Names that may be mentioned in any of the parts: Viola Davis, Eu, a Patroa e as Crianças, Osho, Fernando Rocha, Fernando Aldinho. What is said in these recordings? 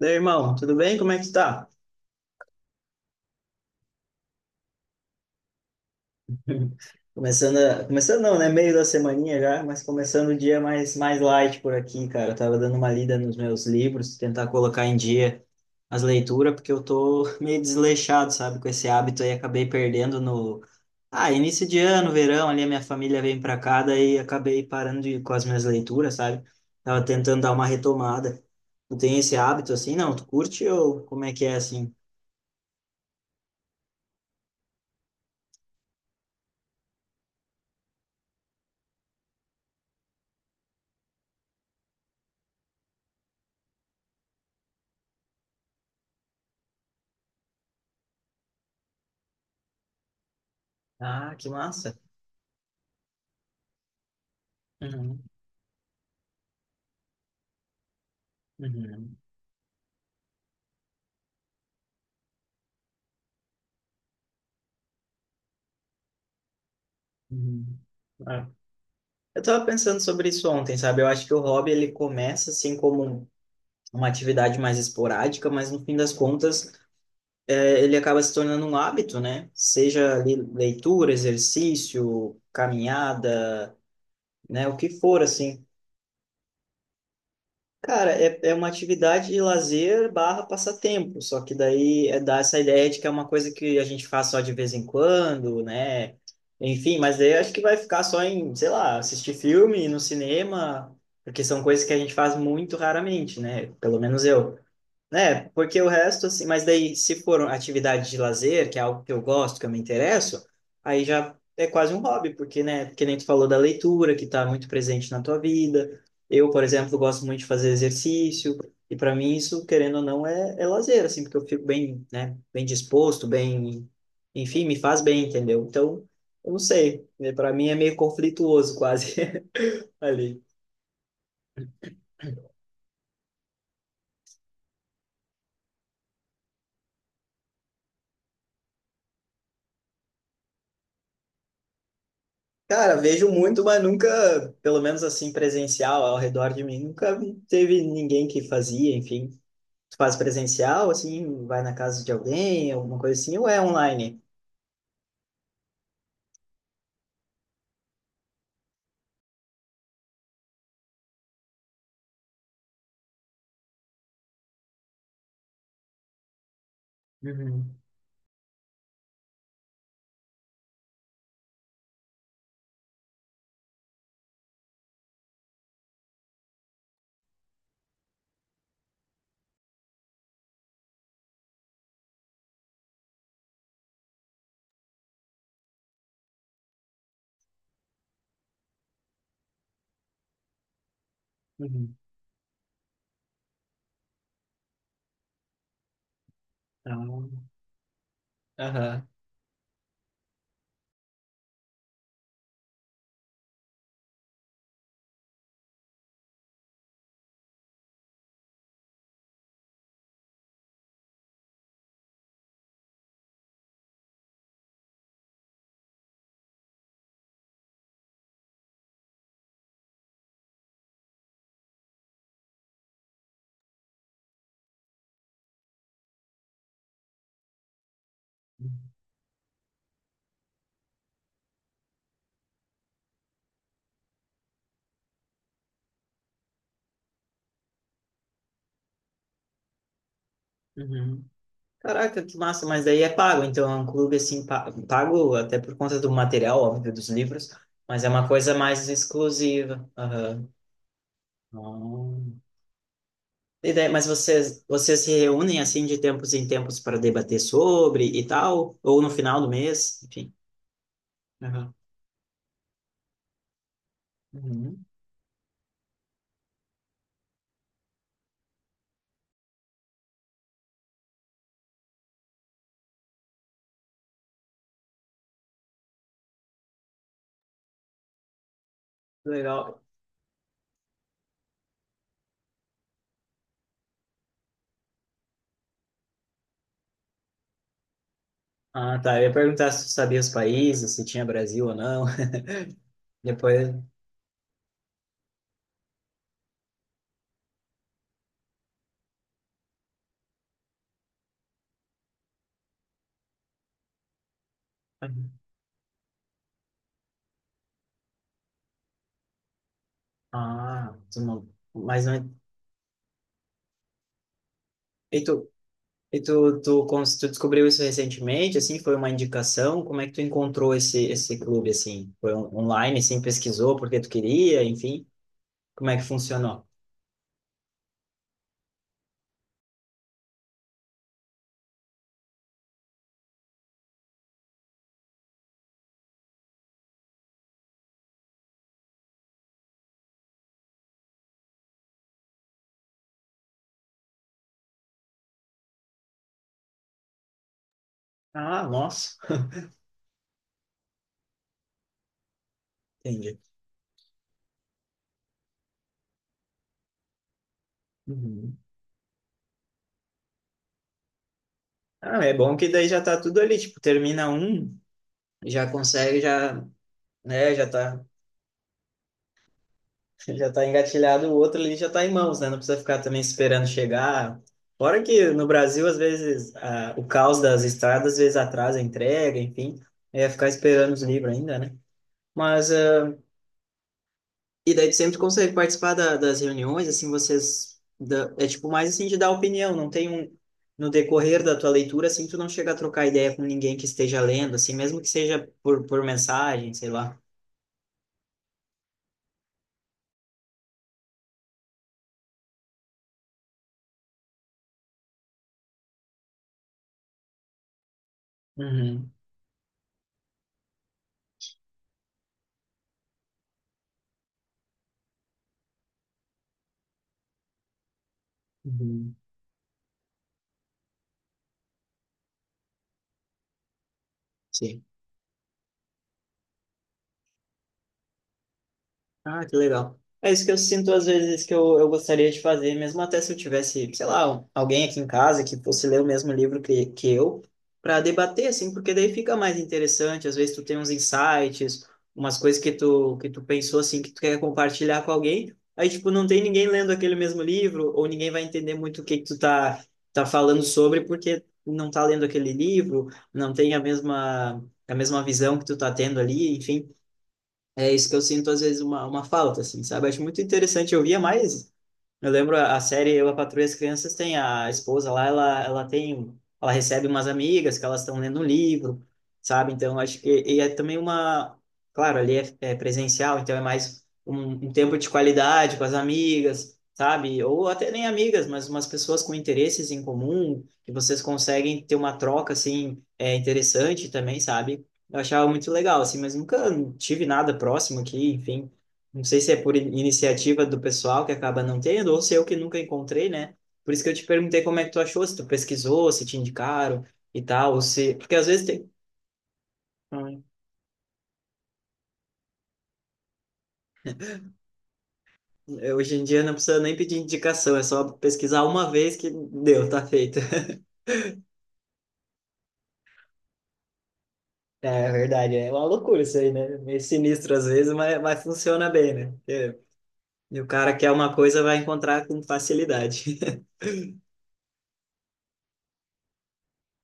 Meu irmão, tudo bem? Como é que tu tá? Começando, começando não, né? Meio da semaninha já, mas começando o dia mais light por aqui, cara. Eu tava dando uma lida nos meus livros, tentar colocar em dia as leituras, porque eu tô meio desleixado, sabe? Com esse hábito aí, acabei perdendo no... Ah, início de ano, verão, ali a minha família vem pra cá, daí acabei parando com as minhas leituras, sabe? Tava tentando dar uma retomada. Tu tem esse hábito assim? Não, tu curte ou como é que é assim? Ah, que massa! Uhum, uhum. Uhum. É. Eu tava pensando sobre isso ontem, sabe? Eu acho que o hobby ele começa assim como uma atividade mais esporádica, mas no fim das contas ele acaba se tornando um hábito, né? Seja ali leitura, exercício, caminhada, né? O que for assim. Cara, é uma atividade de lazer barra passatempo, só que daí dá essa ideia de que é uma coisa que a gente faz só de vez em quando, né? Enfim, mas daí eu acho que vai ficar só em, sei lá, assistir filme no cinema, porque são coisas que a gente faz muito raramente, né? Pelo menos eu. É, porque o resto, assim, mas daí se for atividade de lazer, que é algo que eu gosto, que eu me interesso, aí já é quase um hobby, porque, né, que nem tu falou da leitura, que tá muito presente na tua vida. Eu, por exemplo, gosto muito de fazer exercício, e para mim isso, querendo ou não, é lazer, assim, porque eu fico bem, né, bem disposto, bem, enfim, me faz bem, entendeu? Então, eu não sei, para mim é meio conflituoso quase ali. Cara, vejo muito, mas nunca, pelo menos assim, presencial ao redor de mim, nunca teve ninguém que fazia, enfim. Tu faz presencial, assim, vai na casa de alguém, alguma coisa assim, ou é online? Uhum, uhum. Ah, aham. Uhum. Caraca, que massa, mas daí é pago, então é um clube assim, pago até por conta do material, óbvio, dos livros, mas é uma coisa mais exclusiva. Aham. E daí, mas vocês se reúnem assim de tempos em tempos para debater sobre e tal? Ou no final do mês? Enfim. Aham. Uhum. Legal. Ah, tá. Eu ia perguntar se tu sabia os países, se tinha Brasil ou não. Depois. Uhum. Ah, tu não. Mas não. é, E e tu descobriu isso recentemente? Assim, foi uma indicação? Como é que tu encontrou esse clube assim? Foi online, assim, pesquisou porque tu queria, enfim? Como é que funcionou? Ah, nossa. Entendi. Ah, é bom que daí já tá tudo ali, tipo, termina um, já consegue, já, né, já tá, já tá engatilhado, o outro ali já tá em mãos, né? Não precisa ficar também esperando chegar. Fora que no Brasil, às vezes, o caos das estradas, às vezes atrasa a entrega, enfim, é ficar esperando os livros ainda, né? Mas ah, E daí tu sempre consegue participar das reuniões, assim, vocês... é tipo mais assim de dar opinião, não tem um... No decorrer da tua leitura, assim, tu não chega a trocar ideia com ninguém que esteja lendo, assim, mesmo que seja por mensagem, sei lá. Uhum, uhum. Sim. Ah, que legal. É isso que eu sinto às vezes que eu gostaria de fazer, mesmo até se eu tivesse, sei lá, um- alguém aqui em casa que fosse ler o mesmo livro que eu, para debater, assim, porque daí fica mais interessante. Às vezes tu tem uns insights, umas coisas que que tu pensou, assim, que tu quer compartilhar com alguém. Aí, tipo, não tem ninguém lendo aquele mesmo livro, ou ninguém vai entender muito o que que tu tá, tá falando sobre, porque não tá lendo aquele livro, não tem a mesma visão que tu tá tendo ali, enfim. É isso que eu sinto, às vezes, uma falta, assim, sabe? Acho muito interessante. Eu via mais eu lembro a série Eu, a Patroa e as Crianças tem a esposa lá, ela tem, ela recebe umas amigas que elas estão lendo um livro, sabe? Então acho que é também uma, claro, ali é presencial, então é mais um tempo de qualidade com as amigas, sabe? Ou até nem amigas, mas umas pessoas com interesses em comum que vocês conseguem ter uma troca assim é interessante também, sabe? Eu achava muito legal assim, mas nunca tive nada próximo aqui, enfim. Não sei se é por iniciativa do pessoal que acaba não tendo, ou se eu que nunca encontrei, né? Por isso que eu te perguntei como é que tu achou, se tu pesquisou, se te indicaram e tal, ou se... Porque às vezes tem... Hum, hoje em dia não precisa nem pedir indicação, é só pesquisar uma vez que deu, tá feito. É é verdade, é uma loucura isso aí, né? Meio sinistro às vezes, mas funciona bem, né? Porque E o cara quer uma coisa, vai encontrar com facilidade.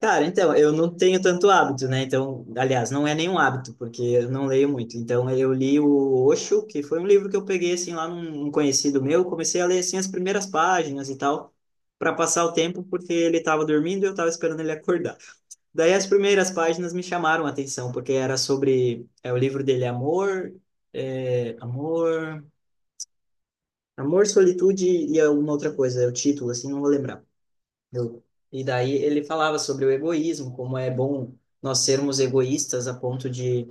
Cara, então, eu não tenho tanto hábito, né? Então, aliás, não é nenhum hábito, porque eu não leio muito. Então, eu li o Osho, que foi um livro que eu peguei, assim, lá num conhecido meu. Comecei a ler, assim, as primeiras páginas e tal, para passar o tempo, porque ele estava dormindo e eu estava esperando ele acordar. Daí, as primeiras páginas me chamaram a atenção, porque era sobre... É o livro dele, é Amor... É, amor... Amor, Solitude e alguma outra coisa. É o título, assim, não vou lembrar. Eu- E daí ele falava sobre o egoísmo, como é bom nós sermos egoístas a ponto de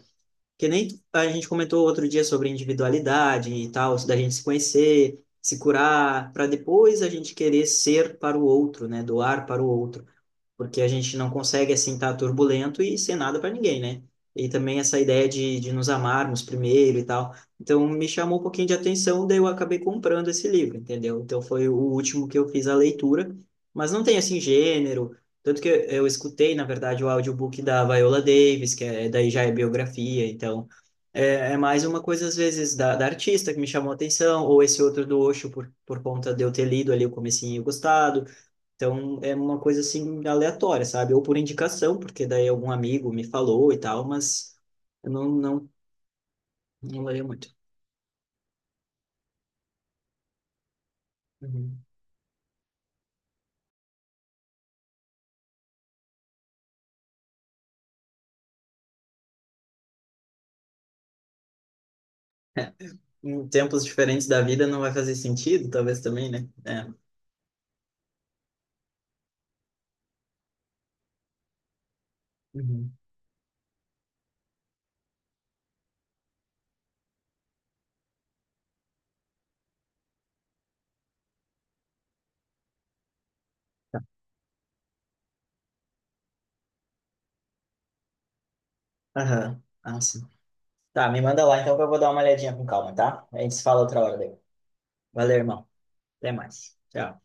que nem a gente comentou outro dia sobre individualidade e tal, da gente se conhecer, se curar, para depois a gente querer ser para o outro, né? Doar para o outro porque a gente não consegue assim estar turbulento e ser nada para ninguém, né? E também essa ideia de nos amarmos primeiro e tal. Então me chamou um pouquinho de atenção, daí eu acabei comprando esse livro, entendeu? Então foi o último que eu fiz a leitura, mas não tem assim gênero, tanto que eu escutei, na verdade, o audiobook da Viola Davis, que é, daí já é biografia, então é mais uma coisa às vezes da artista que me chamou a atenção, ou esse outro do Osho por conta de eu ter lido ali o comecinho e gostado. Então é uma coisa assim aleatória, sabe? Ou por indicação, porque daí algum amigo me falou e tal, mas eu não leio muito. Uhum, é. Em tempos diferentes da vida não vai fazer sentido, talvez também, né? É. Uhum. Aham. Ah, sim. Tá, me manda lá então que eu vou dar uma olhadinha com calma, tá? A gente se fala outra hora daí. Valeu, irmão. Até mais. Tchau.